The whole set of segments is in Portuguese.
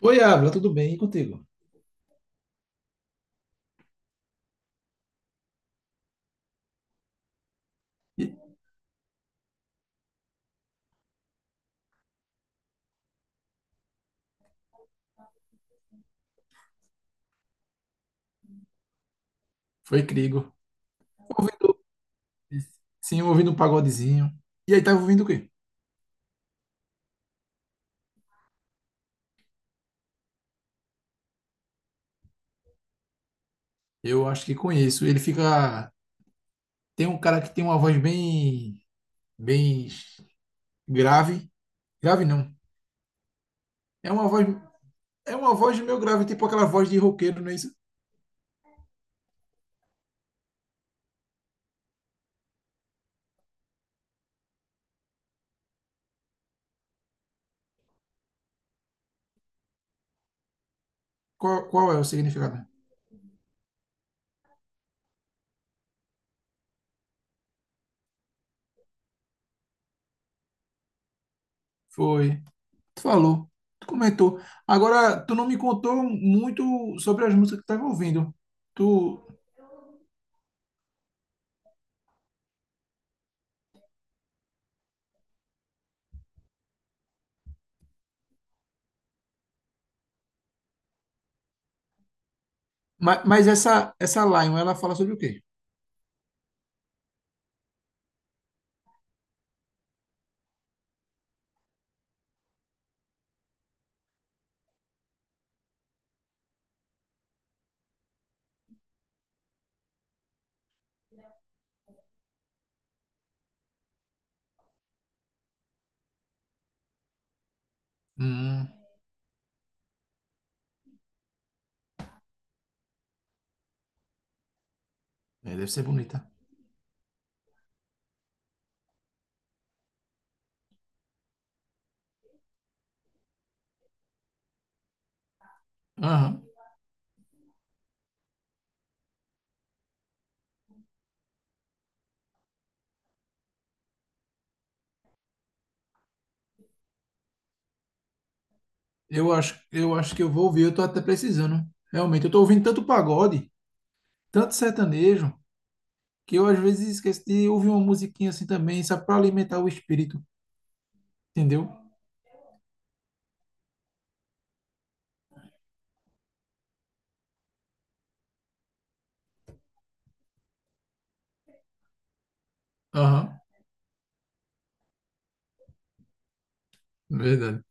Oi, Abra, tudo bem? E contigo? E foi Crigo. Ouvindo, sim, ouvindo um pagodezinho. E aí tava ouvindo o quê? Eu acho que conheço. Ele fica. Tem um cara que tem uma voz bem grave. Grave não. É uma voz. É uma voz meio grave, tipo aquela voz de roqueiro, não é isso? Qual é o significado? Foi. Tu falou. Tu comentou. Agora, tu não me contou muito sobre as músicas que tu tava ouvindo. Tu. Mas essa Lion, ela fala sobre o quê? Hum. É, deve ser bonita. Aham. Eu acho que eu vou ouvir, eu tô até precisando. Realmente, eu tô ouvindo tanto pagode, tanto sertanejo, que eu às vezes esqueço de ouvir uma musiquinha assim também, só pra alimentar o espírito, entendeu? Aham, verdade.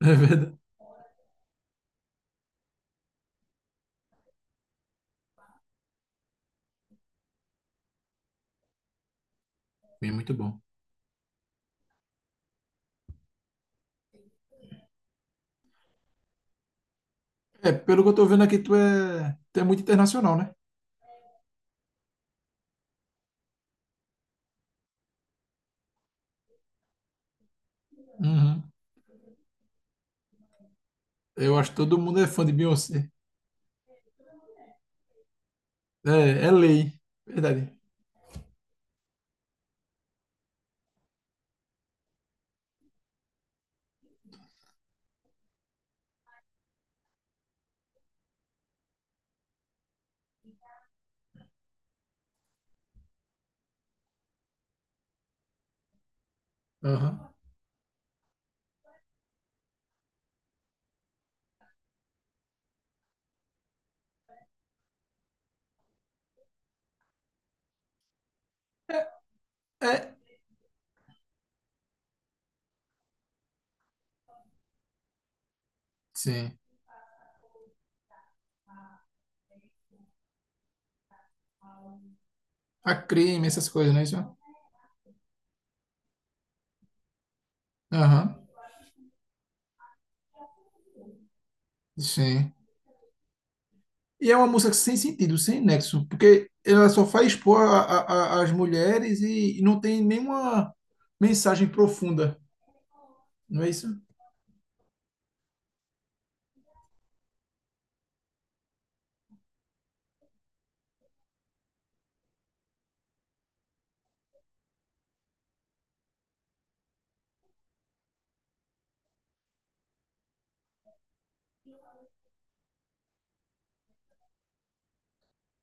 É verdade. É muito bom. É, pelo que eu tô vendo aqui, tu é muito internacional, né? Uhum. Eu acho que todo mundo é fã de Beyoncé. É, é lei. Verdade. Aham. É, sim. A crime, essas coisas, né? Isso? Aham, sim. E é uma música sem sentido, sem nexo, porque ela só faz expor as mulheres e não tem nenhuma mensagem profunda, não é isso?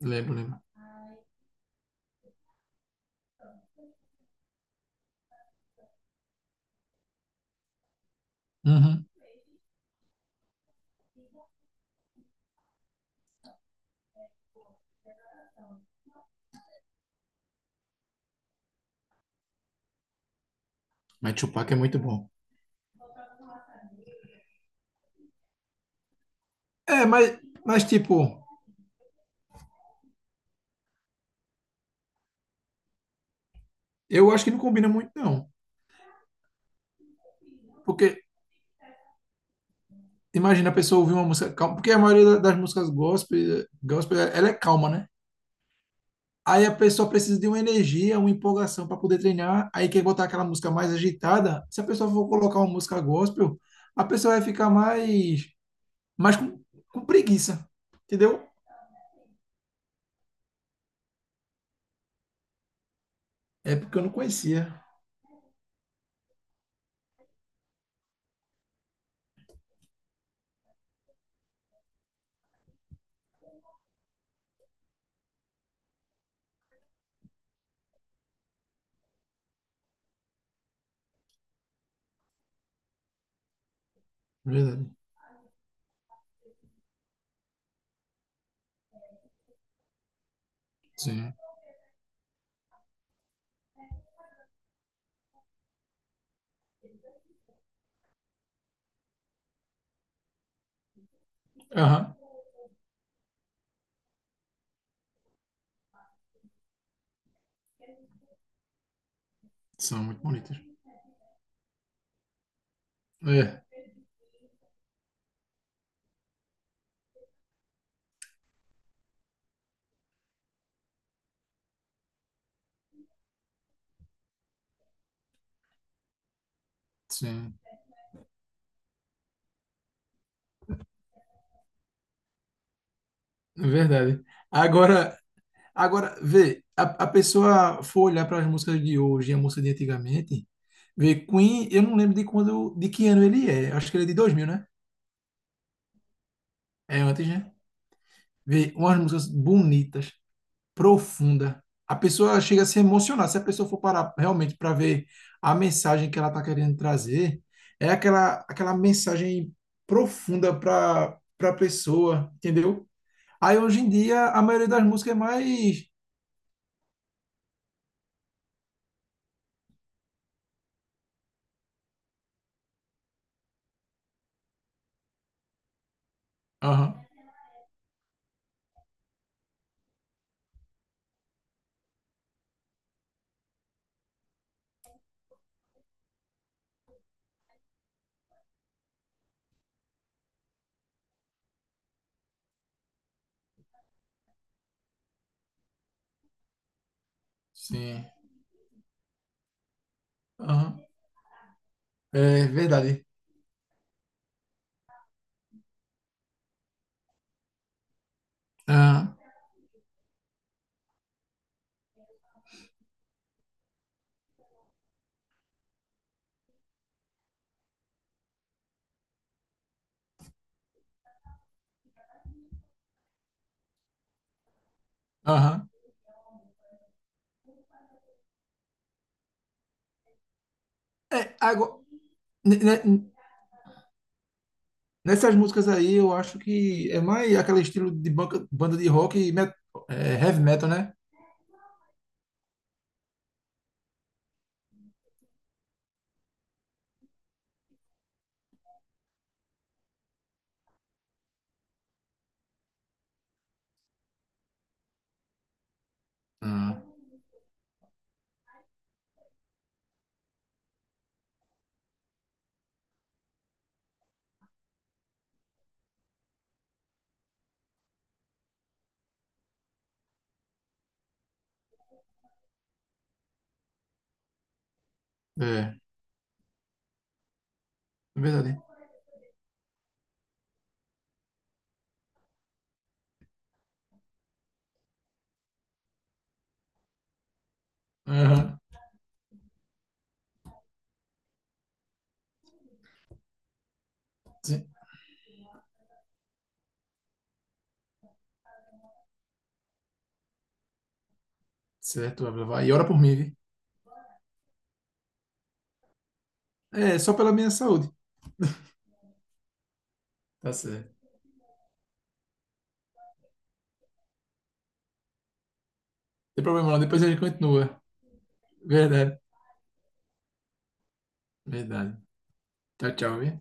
Lembro, lembro. Uhum. Mas Tupac é muito bom. É, mas tipo, eu acho que não combina muito, não. Porque imagina a pessoa ouvir uma música calma, porque a maioria das músicas gospel, ela é calma, né? Aí a pessoa precisa de uma energia, uma empolgação para poder treinar, aí quer botar aquela música mais agitada. Se a pessoa for colocar uma música gospel, a pessoa vai ficar mais mas com, com preguiça, entendeu? É porque eu não conhecia. Verdade. Sim. Aham. São muito bonitas. É, sim. É verdade. Agora, agora vê, a pessoa for olhar para as músicas de hoje e a música de antigamente, vê, Queen, eu não lembro de quando, de que ano ele é. Acho que ele é de 2000, né? É antes, né? Vê, umas músicas bonitas. Profunda. A pessoa chega a se emocionar. Se a pessoa for parar realmente para ver a mensagem que ela está querendo trazer, é aquela mensagem profunda para a pessoa, entendeu? Aí hoje em dia a maioria das músicas é mais. Aham, sim. Aham, é verdade. Aham, aham. É, agora, ne- ne- nessas músicas aí eu acho que é mais aquele estilo de banda de rock e heavy metal, né? Ah, é, é verdade. Aham, sim. Certo, vai levar. E ora por mim, viu? É, só pela minha saúde. Tá certo. Não tem problema não, depois a gente continua. Verdade, verdade. Tchau, tchau, viu?